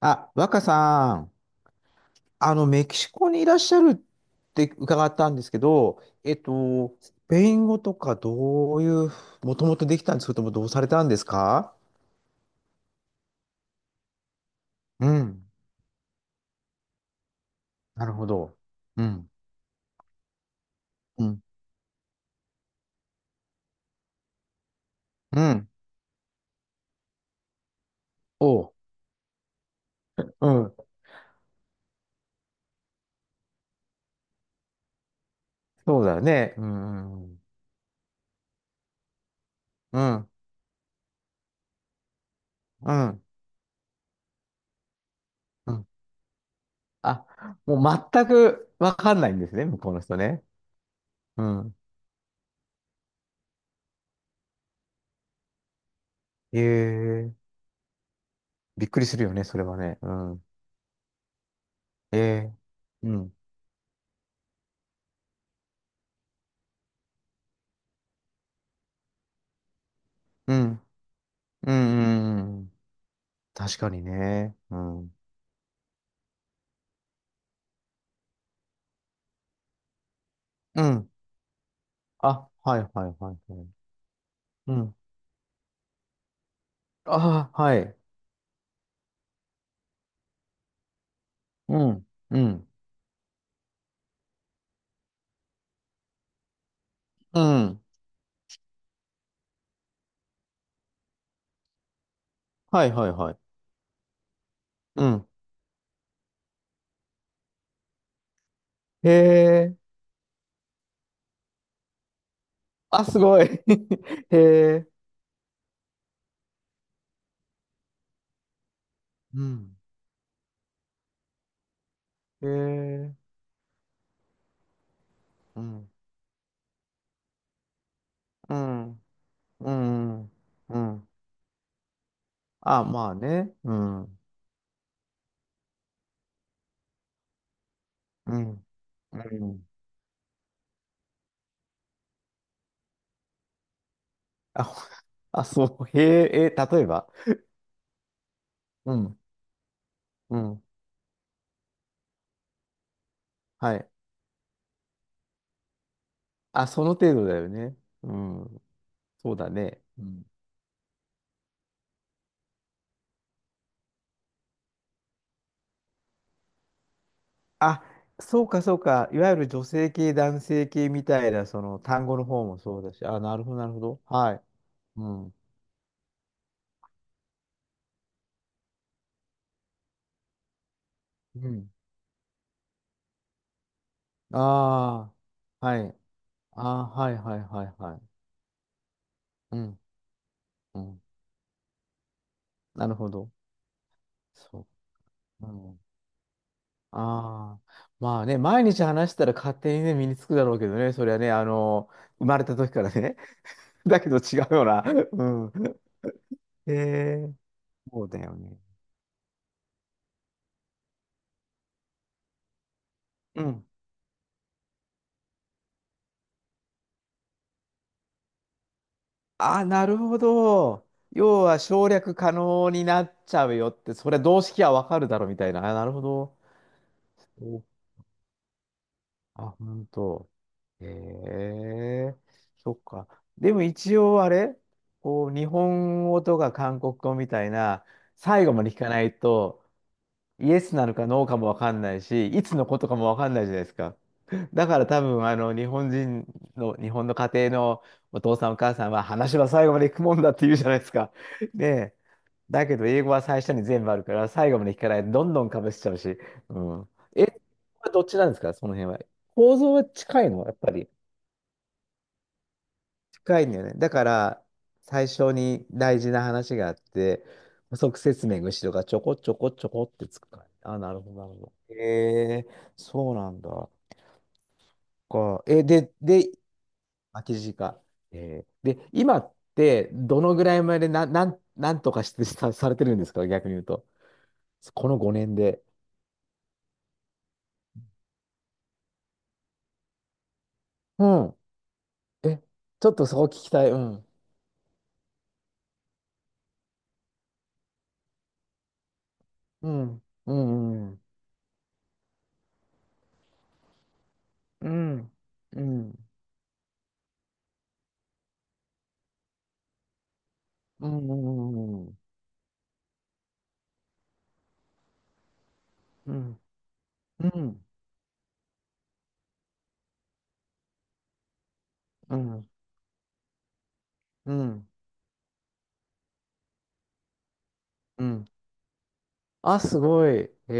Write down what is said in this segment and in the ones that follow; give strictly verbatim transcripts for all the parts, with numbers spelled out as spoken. あ、若さん、あの、メキシコにいらっしゃるって伺ったんですけど、えっと、スペイン語とかどういう、もともとできたんですけども、どうされたんですか？うん。なるほど。うん。うん。うん。おう。うん。そうだよね。うん。うん。うん。うん。うん。あ、もう全くわかんないんですね、向こうの人ね。うん。ええ、びっくりするよね、それはね。うん。ええ。うん。うん。うん。うん。うん。確かにね。うん。うん。あ、はいはいはいはい。うん。あ、はい。うん。うん。うん。はいはいはい。うん。へえ。あ、すごい。へえ。うん。へえ。うん。うん。うん。うん。あ、まあね。うん。うん。うん。あ、ほ、あ、そう。へえ、え、例えば。うん。うん。はい。あ、その程度だよね。うん。そうだね。うん。あ、そうかそうか。いわゆる女性系、男性系みたいな、その単語の方もそうだし。あ、なるほど、なるほど。はい。うん。うん。ああ、はい。ああ、はいはいはいはい。うん。うん。なるほど。そう。うん。ああ。まあね、毎日話したら勝手にね、身につくだろうけどね、それはね、あの、生まれた時からね。だけど違うよな。うん。へえ、そうだよね。うん。あ、なるほど。要は省略可能になっちゃうよって、それ動式はわかるだろみたいな。あ、なるほど。お、あ、本当。へえ、そっか。でも一応あれ、こう、日本語とか韓国語みたいな、最後まで聞かないと、イエスなのかノーかもわかんないし、いつのことかもわかんないじゃないですか。だから多分、あの、日本人の、日本の家庭のお父さんお母さんは、話は最後まで行くもんだって言うじゃないですか。ね、だけど、英語は最初に全部あるから、最後まで聞かないとどんどんかぶしちゃうし。うん。え、これどっちなんですか、その辺は。構造は近いのやっぱり。近いんだよね。だから、最初に大事な話があって、補足説明が後ろがちょこちょこちょこってつくから。あ、なるほど、なるほど。えー、そうなんだ。か。え、で、で、巻きか、えー、で、今って、どのぐらいまでな、なん、なんとかしてさ、されてるんですか逆に言うと。このごねんで。うん。え、ちょっとそこ聞きたい。うん。うん。うん。うん。うん。うん。うん。うん。うん。うん。うん。うん。あ、すごい。え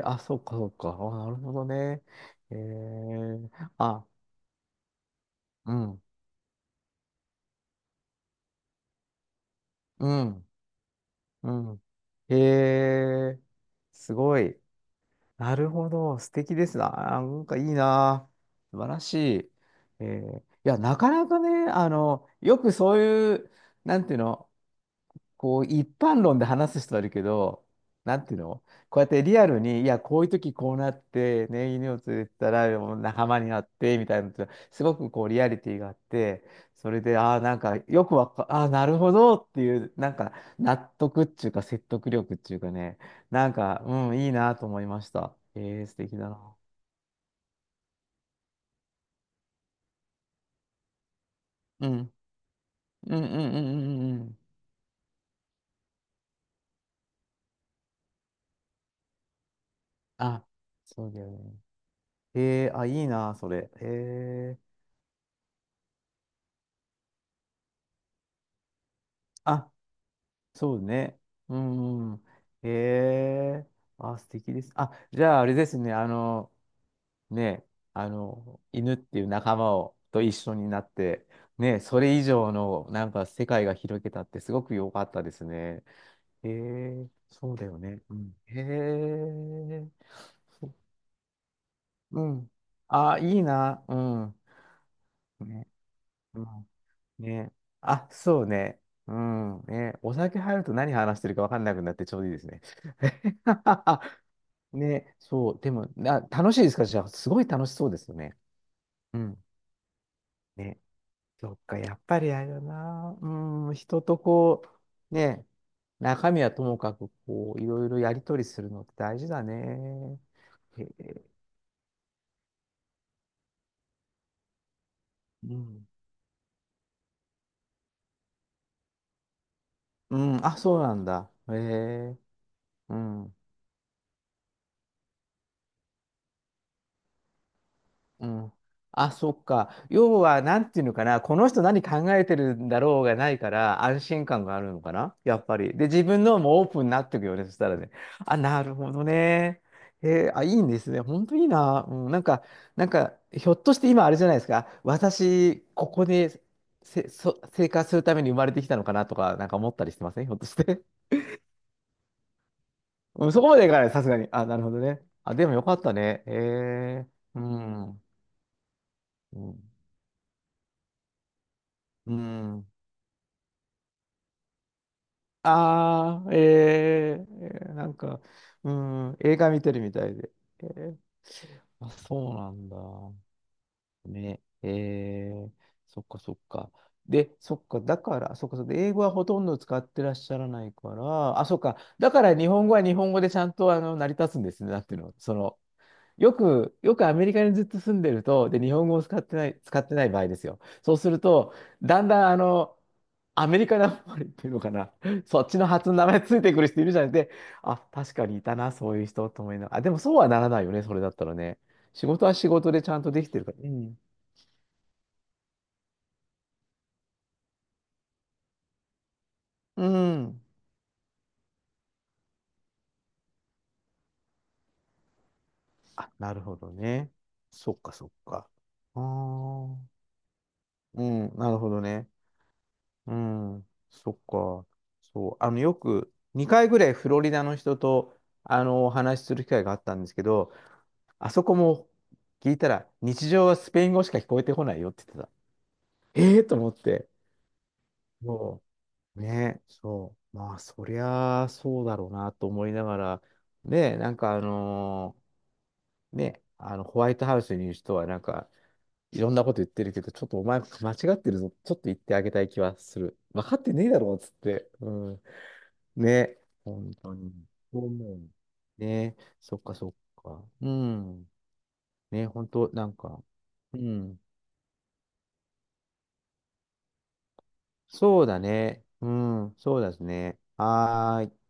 え、あ、そうか、そうか。あ、なるほどね。ええ、あ、うん。うん。うん。ええ、すごい。なるほど。素敵ですな。あ、なんかいいな。素晴らしい。ええ、いや、なかなかね、あの、よくそういう、なんていうの、こう一般論で話す人はいるけど、なんていうの、こうやってリアルに、いや、こういう時こうなって、ね、犬を連れてたらもう仲間になって、みたいなのって、すごくこうリアリティがあって、それで、ああ、なんかよくわか、ああ、なるほどっていう、なんか納得っていうか説得力っていうかね、なんか、うん、いいなと思いました。えー、素敵だな。うん。うんうんうんうんうんうん。あ、そうだよね。えー、あ、いいな、それ。えー、あ、そうね。うんうん。へえ。あ、素敵です。あ、じゃああれですね。あの、ね、あの、犬っていう仲間をと一緒になって、ね、それ以上のなんか世界が広げたってすごく良かったですね。へえ、そうだよね。うん、へえ。うん。あ、いいな。うん。ね。うん。ね。あ、そうね。うん。ね。お酒入ると何話してるか分かんなくなってちょうどいいですね。ね、そう、でも、な、楽しいですかじゃあ、すごい楽しそうですよね。うん。ね、そっか、やっぱりあれだな、うん、人とこう、ね、中身はともかく、こう、いろいろやり取りするのって大事だね。へえ、うん。うん、あ、そうなんだ。へえ、うん。うん。あ、そっか。要は、なんていうのかな、この人何考えてるんだろうがないから、安心感があるのかな、やっぱり。で、自分のもオープンになっていくよね、そしたらね。あ、なるほどね。えー、あ、いいんですね。本当いいな。うん、なんか、なんか、ひょっとして今、あれじゃないですか。私、ここでせ、そ、生活するために生まれてきたのかなとか、なんか思ったりしてませんひょっとして。うん、そこまでいかない、さすがに。あ、なるほどね。あ、でもよかったね。えー、うん。うん。うん。ああ、えー、なんか、うん、映画見てるみたいで。えー、あ、そうなんだ。ね、えー、そっかそっか。で、そっか、だから、そっか、そっか、英語はほとんど使ってらっしゃらないから、あ、そっか、だから日本語は日本語でちゃんとあの成り立つんですね、なんていうの、その、よく、よくアメリカにずっと住んでると、で、日本語を使ってない、使ってない場合ですよ。そうすると、だんだん、あの、アメリカなまりっていうのかな。そっちの発の名前ついてくる人いるじゃないで、あ、確かにいたな、そういう人と思いながら。あ、でもそうはならないよね、それだったらね。仕事は仕事でちゃんとできてるから。うん。うん。あ、なるほどね。そっかそっか。ああ。うん、なるほどね。うん、そっか。そう、あの、よくにかいぐらいフロリダの人と、あの、お話しする機会があったんですけど、あそこも聞いたら、日常はスペイン語しか聞こえてこないよって言ってた。ええーと思って。そう。ね、そう。まあ、そりゃあ、そうだろうなと思いながら、ね、なんかあのーね、あの、ホワイトハウスにいる人は、なんか、いろんなこと言ってるけど、ちょっとお前間違ってるぞ。ちょっと言ってあげたい気はする。分かってねえだろ、つって。うん、ね、本当に。そう思う。ね、そっかそっか。うん。ね、本当なんか。うん。そうだね。うん、そうですね。はーい。